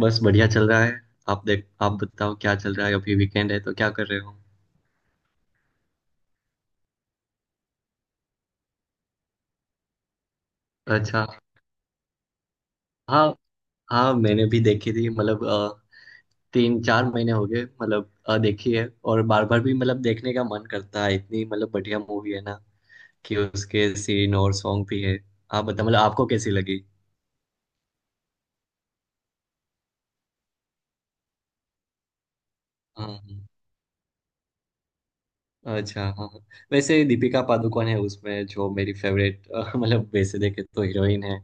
बस बढ़िया चल रहा है। आप बताओ क्या चल रहा है? अभी वीकेंड है तो क्या कर रहे हो? अच्छा। हाँ हाँ, मैंने भी देखी थी मतलब तीन चार महीने हो गए मतलब देखी है। और बार बार भी मतलब देखने का मन करता है, इतनी मतलब बढ़िया मूवी है ना कि उसके सीन और सॉन्ग भी है। आप बताओ मतलब आपको कैसी लगी? हाँ। अच्छा हाँ हाँ। वैसे दीपिका पादुकोण है उसमें, जो मेरी फेवरेट मतलब वैसे देखे तो हीरोइन है।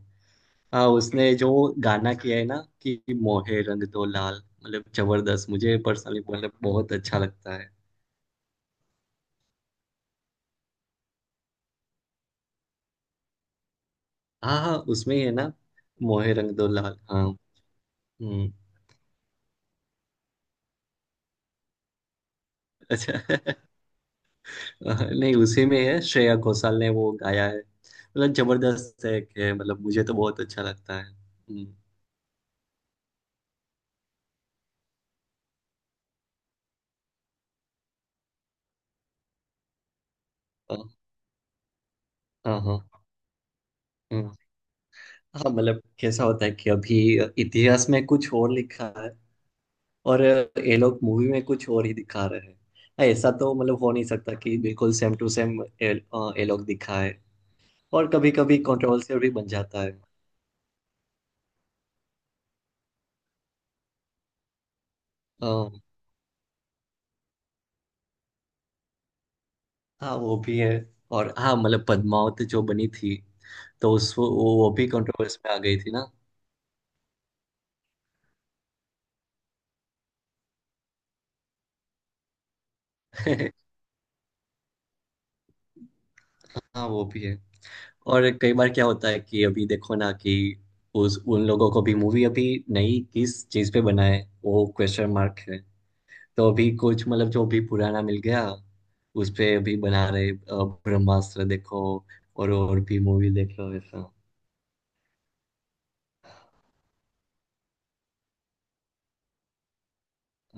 हाँ, उसने जो गाना किया है ना कि मोहे रंग दो लाल, मतलब जबरदस्त। मुझे पर्सनली मतलब बहुत अच्छा लगता है। हाँ हाँ, उसमें ही है ना। मोहे रंग दो लाल, हाँ। हम्म। अच्छा। नहीं, उसी में है, श्रेया घोषाल ने वो गाया है, मतलब जबरदस्त है कि मतलब मुझे तो बहुत अच्छा लगता है। हाँ हाँ हाँ। हम्म, हाँ मतलब कैसा होता है कि अभी इतिहास में कुछ और लिखा है और ये लोग मूवी में कुछ और ही दिखा रहे हैं। हाँ, ऐसा तो मतलब हो नहीं सकता कि बिल्कुल सेम टू सेम ये ये लोग दिखाए। और कभी कभी कंट्रोवर्सियल भी बन जाता है। अ, हाँ वो भी है। और हाँ मतलब पद्मावत जो बनी थी तो वो भी कंट्रोवर्स में आ गई थी ना। हाँ वो भी है। और कई बार क्या होता है कि अभी देखो ना कि उस उन लोगों को भी मूवी अभी नई किस चीज पे बनाए वो क्वेश्चन मार्क है। तो अभी कुछ मतलब जो भी पुराना मिल गया उस पे अभी बना रहे, ब्रह्मास्त्र देखो और भी मूवी देख लो ऐसा।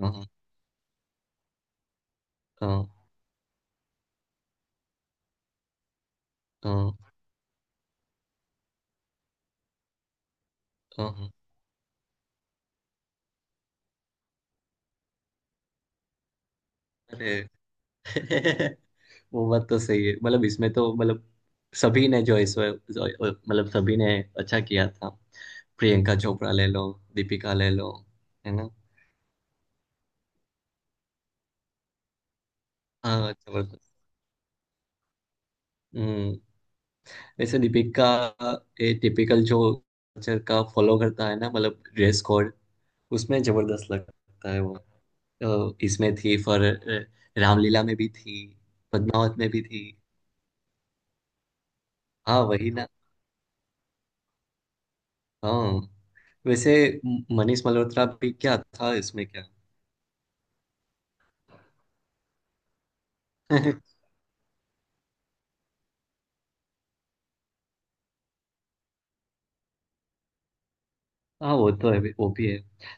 हाँ हाँ हाँ हाँ हाँ। अरे। वो बात तो सही है, मतलब इसमें तो मतलब सभी ने जो इस मतलब सभी ने अच्छा किया था। प्रियंका चोपड़ा ले लो, दीपिका ले लो, है ना। हाँ जबरदस्त। हम्म। वैसे दीपिका ये टिपिकल जो कल्चर का फॉलो करता है ना, मतलब ड्रेस कोड, उसमें जबरदस्त लगता है वो। अ, इसमें थी फॉर, रामलीला में भी थी, पद्मावत में भी थी। हाँ वही ना। हाँ, वैसे मनीष मल्होत्रा भी क्या था इसमें, क्या? हाँ वो तो है, वो भी है।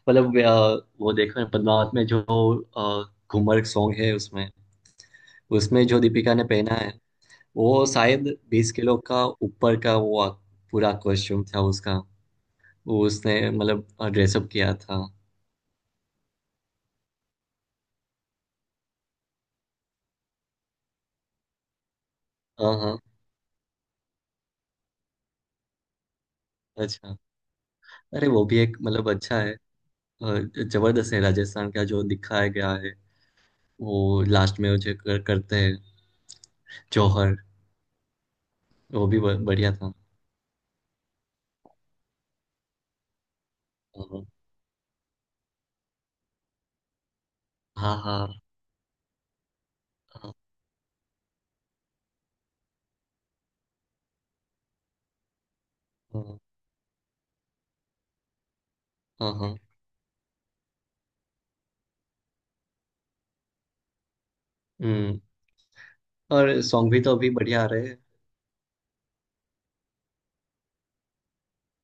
मतलब वो देखो ना, पद्मावत में जो अ, घूमर सॉन्ग है उसमें, उसमें जो दीपिका ने पहना है वो शायद 20 किलो का ऊपर का वो पूरा कॉस्ट्यूम था उसका। वो उसने मतलब ड्रेसअप किया था। हाँ हाँ। अच्छा। अरे वो भी एक मतलब अच्छा है। अ, जबरदस्त है, राजस्थान का जो दिखाया गया है वो लास्ट में वो जो करते हैं, जौहर। वो भी बढ़िया था। हाँ हाँ हाँ हाँ हाँ। हाँ, हाँ। हम्म। और सॉन्ग भी तो अभी बढ़िया आ रहे हैं।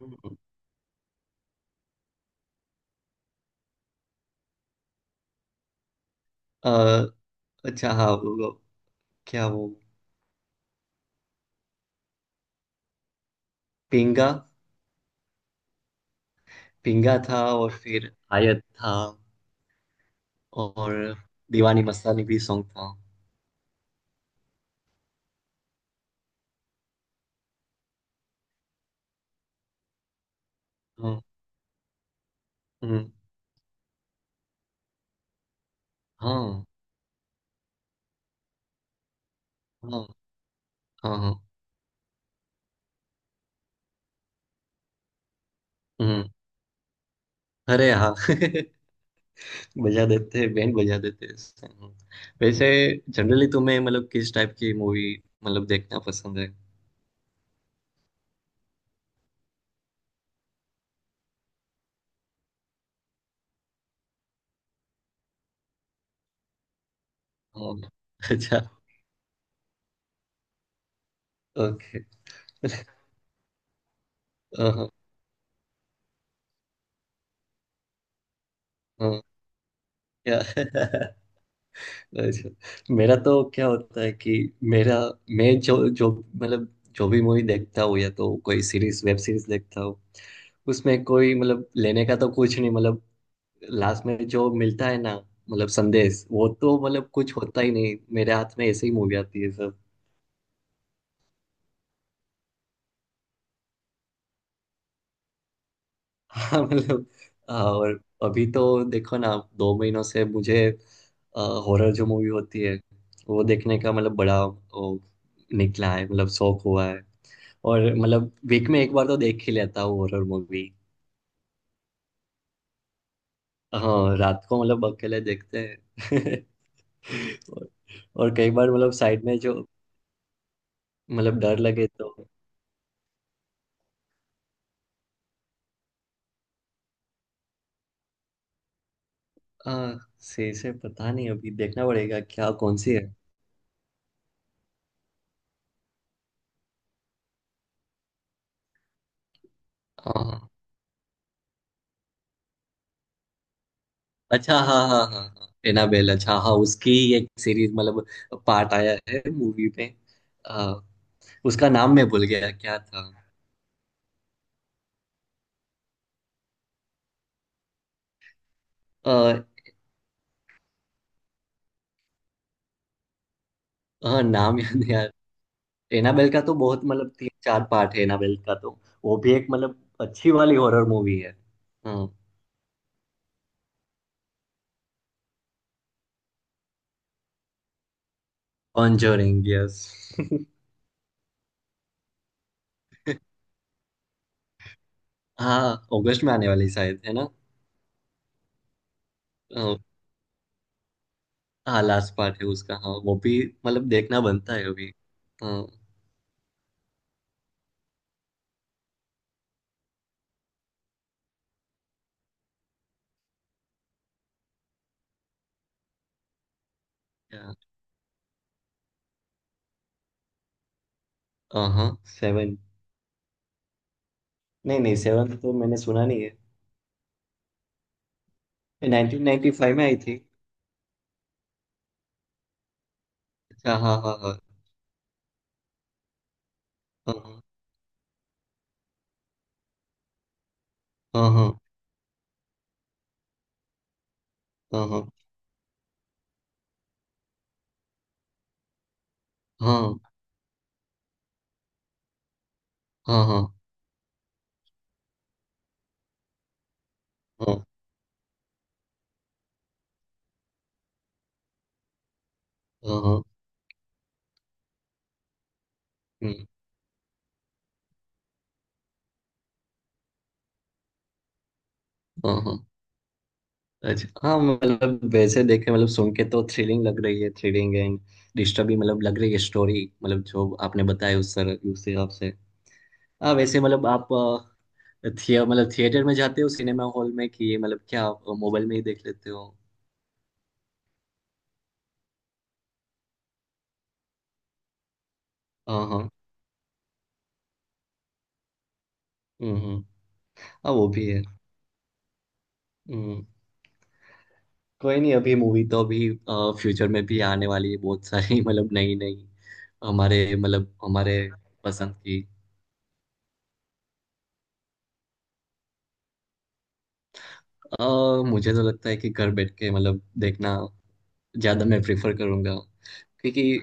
हम्म। अ, अच्छा हाँ, क्या, वो पिंगा? पिंगा था, और फिर आयत था, और दीवानी मस्तानी भी सॉन्ग था। हाँ। हम्म, हाँ हाँ हाँ हाँ। हम्म। अरे हाँ बजा देते हैं, बैंड बजा देते हैं इससे, वैसे जनरली तुम्हें मतलब किस टाइप की मूवी मतलब देखना पसंद है? हाँ। अच्छा। ओके। हाँ हाँ, या अच्छा। मेरा तो क्या होता है कि मेरा, मैं जो जो मतलब जो भी मूवी देखता हूँ, या तो कोई सीरीज, वेब सीरीज देखता हूँ, उसमें कोई मतलब लेने का तो कुछ नहीं, मतलब लास्ट में जो मिलता है ना, मतलब संदेश, वो तो मतलब कुछ होता ही नहीं, मेरे हाथ में ऐसे ही मूवी आती है सब। हाँ मतलब। हाँ, और अभी तो देखो ना, 2 महीनों से मुझे हॉरर जो मूवी होती है वो देखने का मतलब बड़ा वो, निकला है, मतलब शौक हुआ है। और मतलब वीक में एक बार तो देख ही लेता हूँ हॉरर मूवी। हाँ, रात को मतलब अकेले देखते हैं। और, और कई बार मतलब साइड में जो मतलब डर लगे तो। हाँ सही से पता नहीं, अभी देखना पड़ेगा क्या कौन सी है। हाँ अच्छा हाँ हाँ हाँ हाँ, एनाबेल। अच्छा हाँ, उसकी एक सीरीज मतलब पार्ट आया है मूवी में। हाँ, उसका नाम मैं भूल गया क्या था। अ, हाँ, नाम याद नहीं आ। एनाबेल का तो बहुत मतलब तीन चार पार्ट है एनाबेल का तो। वो भी एक मतलब अच्छी वाली हॉरर मूवी है। हाँ। Conjuring, yes. हाँ, अगस्त में आने वाली शायद है ना? हाँ हाँ, लास्ट पार्ट है उसका। हाँ वो भी मतलब देखना बनता है अभी। हाँ। क्या- हाँ हाँ, सेवन। नहीं नहीं, सेवन तो मैंने सुना नहीं है। 1995 में आई थी। अच्छा हाँ हाँ हाँ हाँ हाँ हाँ हाँ हाँ हाँ हाँ हाँ हाँ हाँ हाँ हाँ हाँ, हाँ, हाँ। अच्छा हाँ मतलब वैसे देखे मतलब सुन के तो थ्रिलिंग लग रही है, थ्रिलिंग एंड डिस्टर्बिंग मतलब लग रही है स्टोरी मतलब, जो आपने बताया उस सर उस हिसाब से। हाँ वैसे मतलब आप थिए मतलब थिएटर में जाते हो, सिनेमा हॉल में, कि ये मतलब क्या आप मोबाइल में ही देख लेते हो? हाँ हाँ। हम्म हम्म। हाँ वो भी है। हम्म। कोई नहीं, अभी मूवी तो अभी फ्यूचर में भी आने वाली है बहुत सारी मतलब नई नई, हमारे मतलब हमारे पसंद की। अ, मुझे तो लगता है कि घर बैठ के मतलब देखना ज्यादा मैं प्रेफर करूंगा। क्योंकि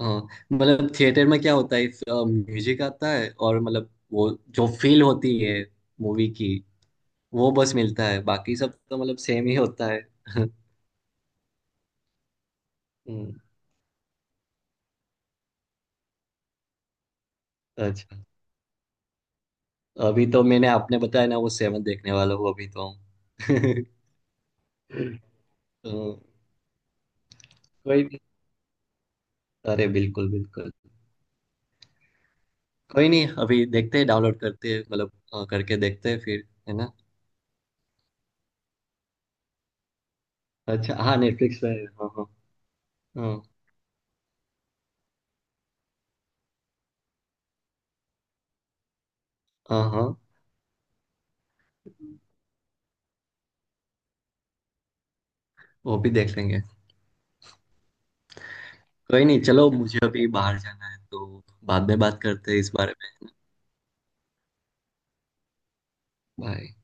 अ, मतलब थिएटर में क्या होता है, म्यूजिक आता है और मतलब वो जो फील होती है मूवी की, वो बस मिलता है, बाकी सब तो मतलब सेम ही होता है। हम्म, अच्छा। अभी तो मैंने, आपने बताया ना वो सेवन, देखने वाला हूँ अभी तो। तो कोई नहीं। अरे बिल्कुल बिल्कुल। कोई नहीं, अभी देखते हैं, डाउनलोड करते हैं मतलब करके देखते हैं फिर है ना। अच्छा हाँ, नेटफ्लिक्स पे है, हाँ हाँ हाँ हाँ हाँ। वो भी देख लेंगे। कोई नहीं चलो, मुझे अभी बाहर जाना है तो बाद में बात करते हैं इस बारे में। बाय।